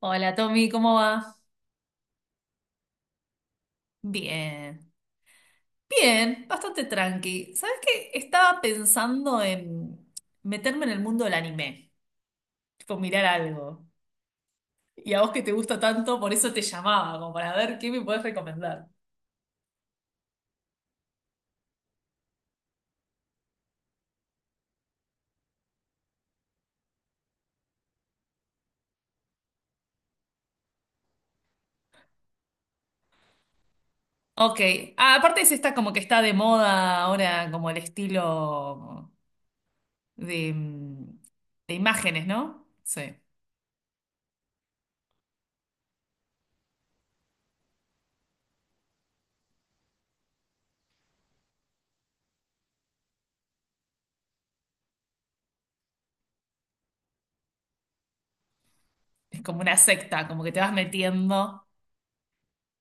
Hola Tommy, ¿cómo va? Bien, bien, bastante tranqui. ¿Sabes qué? Estaba pensando en meterme en el mundo del anime, tipo mirar algo. Y a vos que te gusta tanto, por eso te llamaba, como para ver qué me podés recomendar. Ok. Ah, aparte es esta como que está de moda ahora, como el estilo de, mm, de imágenes, ¿no? Sí, es como una secta, como que te vas metiendo.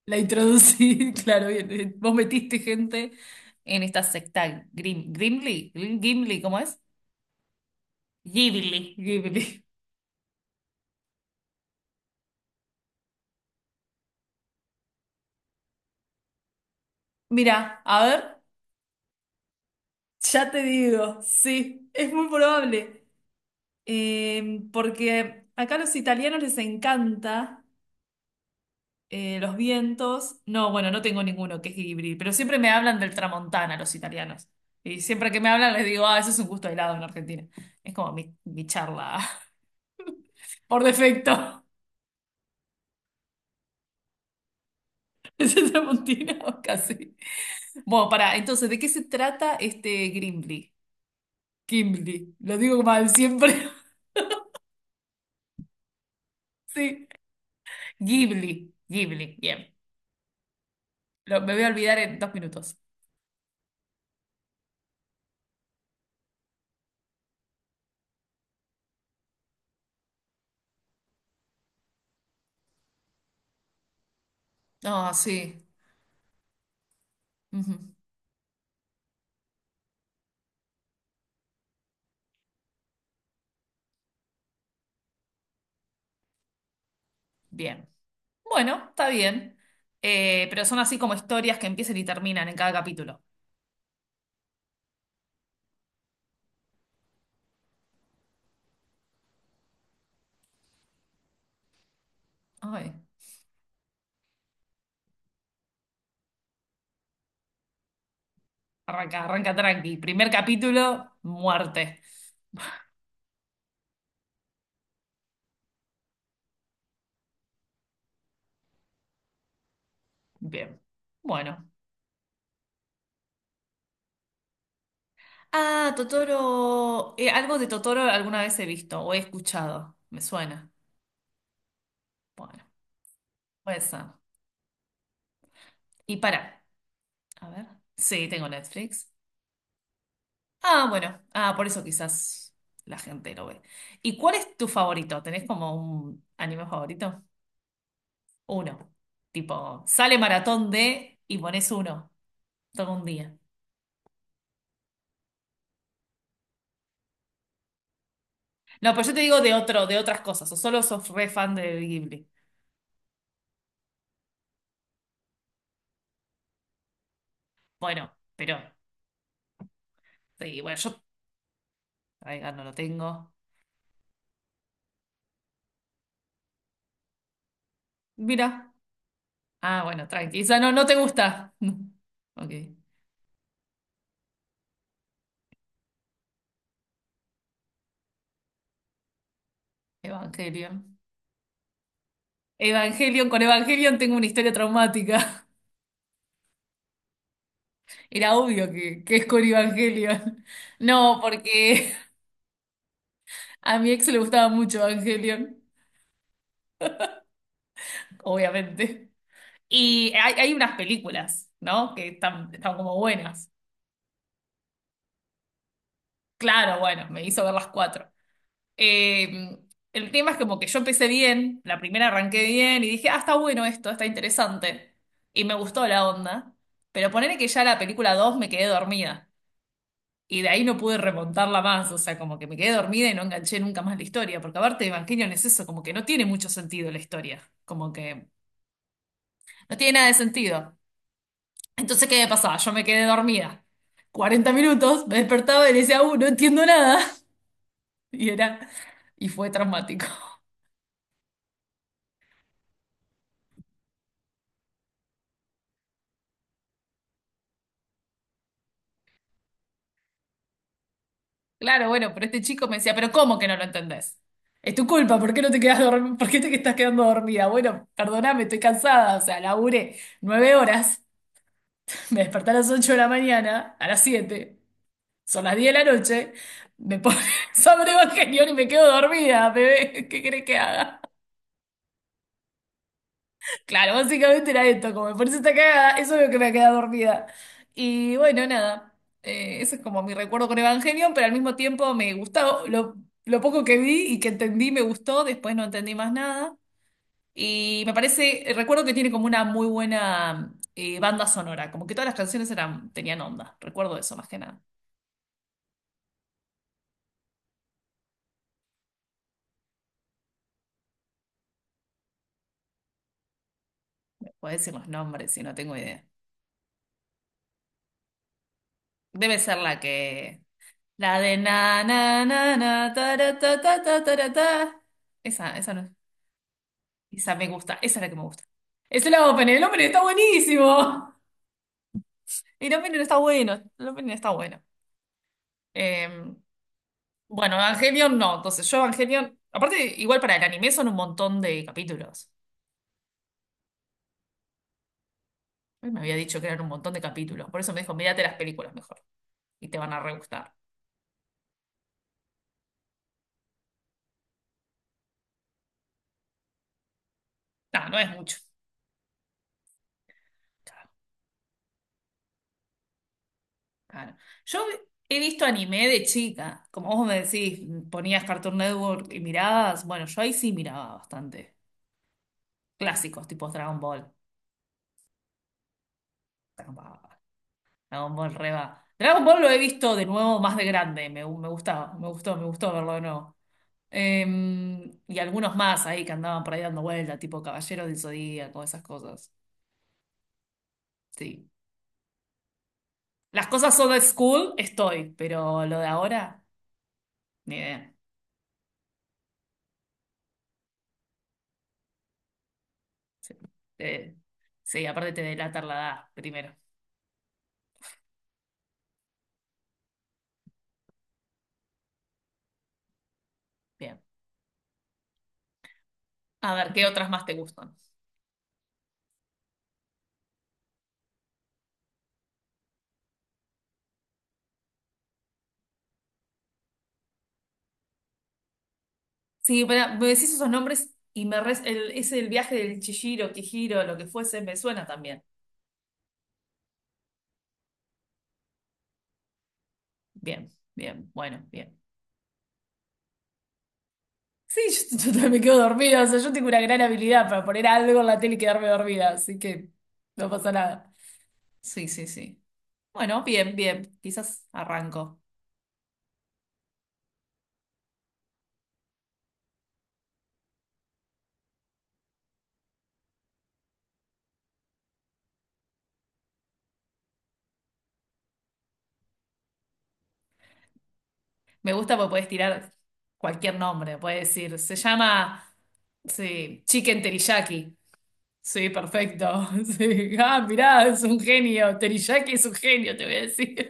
La introducí, claro, bien, vos metiste gente en esta secta Grim, Gimli, Gimli, ¿cómo es? Ghibli, Ghibli. Mira, a ver, ya te digo, sí, es muy probable. Porque acá a los italianos les encanta, los vientos. No, bueno, no tengo ninguno que es Ghibli, pero siempre me hablan del Tramontana los italianos. Y siempre que me hablan les digo, ah, eso es un gusto de helado en Argentina. Es como mi charla por defecto. ¿Es el Tramontina? Casi. Bueno, para, entonces, ¿de qué se trata este Gimli? Gimli, lo digo mal siempre. Sí, Ghibli, Ghibli, bien. Me voy a olvidar en 2 minutos. Ah, sí. Ujú. Bien. Bueno, está bien. Pero son así como historias que empiezan y terminan en cada capítulo. Ay, arranca, arranca tranqui. Primer capítulo, muerte. Bien. Bueno. Ah, Totoro, algo de Totoro alguna vez he visto o he escuchado. Me suena. Bueno, puede ser. Y para. A ver. Sí, tengo Netflix. Ah, bueno. Ah, por eso quizás la gente lo ve. ¿Y cuál es tu favorito? ¿Tenés como un anime favorito? Uno. Tipo, sale maratón de y pones uno todo un día. No, pero yo te digo de otro, de otras cosas. ¿O solo sos re fan de Ghibli? Bueno, pero sí, bueno, yo. Ay, no lo tengo. Mira. Ah, bueno, tranqui. Esa no, no te gusta. Ok. Evangelion. Evangelion, con Evangelion tengo una historia traumática. Era obvio que es con Evangelion. No, porque a mi ex le gustaba mucho Evangelion, obviamente. Y hay unas películas, ¿no? Que están como buenas. Claro, bueno, me hizo ver las 4. Eh, el tema es como que yo empecé bien, la primera arranqué bien y dije, ah, está bueno esto, está interesante. Y me gustó la onda. Pero ponele que ya la película 2 me quedé dormida. Y de ahí no pude remontarla más. O sea, como que me quedé dormida y no enganché nunca más la historia. Porque aparte, Evangelion es eso, como que no tiene mucho sentido la historia. Como que no tiene nada de sentido. Entonces, ¿qué me pasaba? Yo me quedé dormida. 40 minutos, me despertaba y decía, no entiendo nada. Y era, y fue traumático. Claro, bueno, pero este chico me decía, pero ¿cómo que no lo entendés? Es tu culpa, ¿por qué no te quedas dorm- ¿Por qué te estás quedando dormida? Bueno, perdóname, estoy cansada, o sea, laburé 9 horas, me desperté a las 8 de la mañana, a las 7, son las 10 de la noche, me pone sobre Evangelion y me quedo dormida, bebé, ¿qué querés que haga? Claro, básicamente era esto, como por eso está cagada, eso es lo que me ha quedado dormida. Y bueno, nada, ese es como mi recuerdo con Evangelion, pero al mismo tiempo me gustó, lo poco que vi y que entendí me gustó, después no entendí más nada. Y me parece, recuerdo que tiene como una muy buena, banda sonora, como que todas las canciones tenían onda, recuerdo eso más que nada. Me puedes decir los nombres si no tengo idea. Debe ser la que... La de na na na na ta ta ta ta ta ta ta. Esa no es. Esa me gusta, esa es la que me gusta. Esa es la Open, el Open está buenísimo. El Open está bueno, el Open está bueno. Eh, bueno, Evangelion no, entonces yo Evangelion, aparte igual para el anime son un montón de capítulos. Él me había dicho que eran un montón de capítulos, por eso me dijo, mírate las películas mejor y te van a re gustar. No, no es mucho. Claro, claro. Yo he visto anime de chica, como vos me decís, ponías Cartoon Network y mirabas, bueno, yo ahí sí miraba bastante. Clásicos, tipo Dragon Ball. Dragon Ball. Dragon Ball Reba. Dragon Ball lo he visto de nuevo más de grande, me gustaba, me gustó verlo de nuevo. Y algunos más ahí que andaban por ahí dando vuelta, tipo Caballero del Zodíaco, esas cosas. Sí. Las cosas old school estoy, pero lo de ahora, ni idea. Sí, Eh, sí, aparte te delatar la edad primero. Bien. A ver, ¿qué otras más te gustan? Sí, pero me decís esos nombres y es el viaje del Chihiro, Kihiro, lo que fuese, me suena también. Bien, bien, bueno, bien. Sí, yo, yo también me quedo dormida, o sea, yo tengo una gran habilidad para poner algo en la tele y quedarme dormida, así que no pasa nada. Sí, sí, sí. Bueno, bien, bien. Quizás arranco. Me gusta porque puedes tirar cualquier nombre. Puedes decir, se llama, sí, Chicken Teriyaki. Sí, perfecto. Sí. Ah, mirá, es un genio. Teriyaki es un genio, te voy a decir.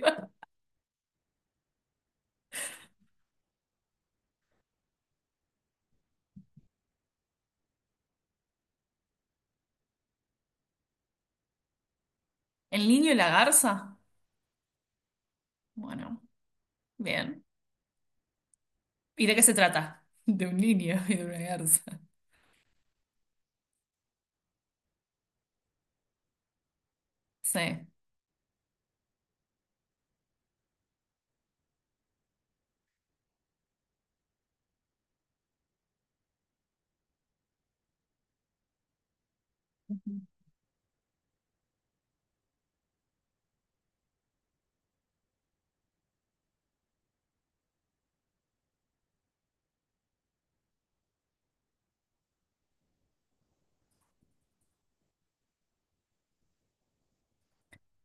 ¿El niño y la garza? Bueno, bien. ¿Y de qué se trata? De un niño y de una garza. Sí.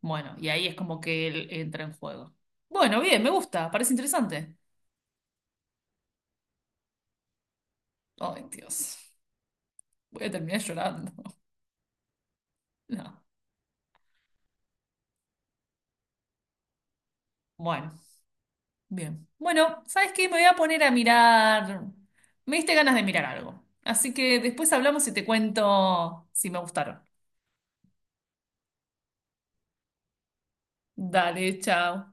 Bueno, y ahí es como que él entra en juego. Bueno, bien, me gusta, parece interesante. Ay, Dios, voy a terminar llorando. No. Bueno, bien. Bueno, ¿sabes qué? Me voy a poner a mirar. Me diste ganas de mirar algo. Así que después hablamos y te cuento si me gustaron. Dale, chao.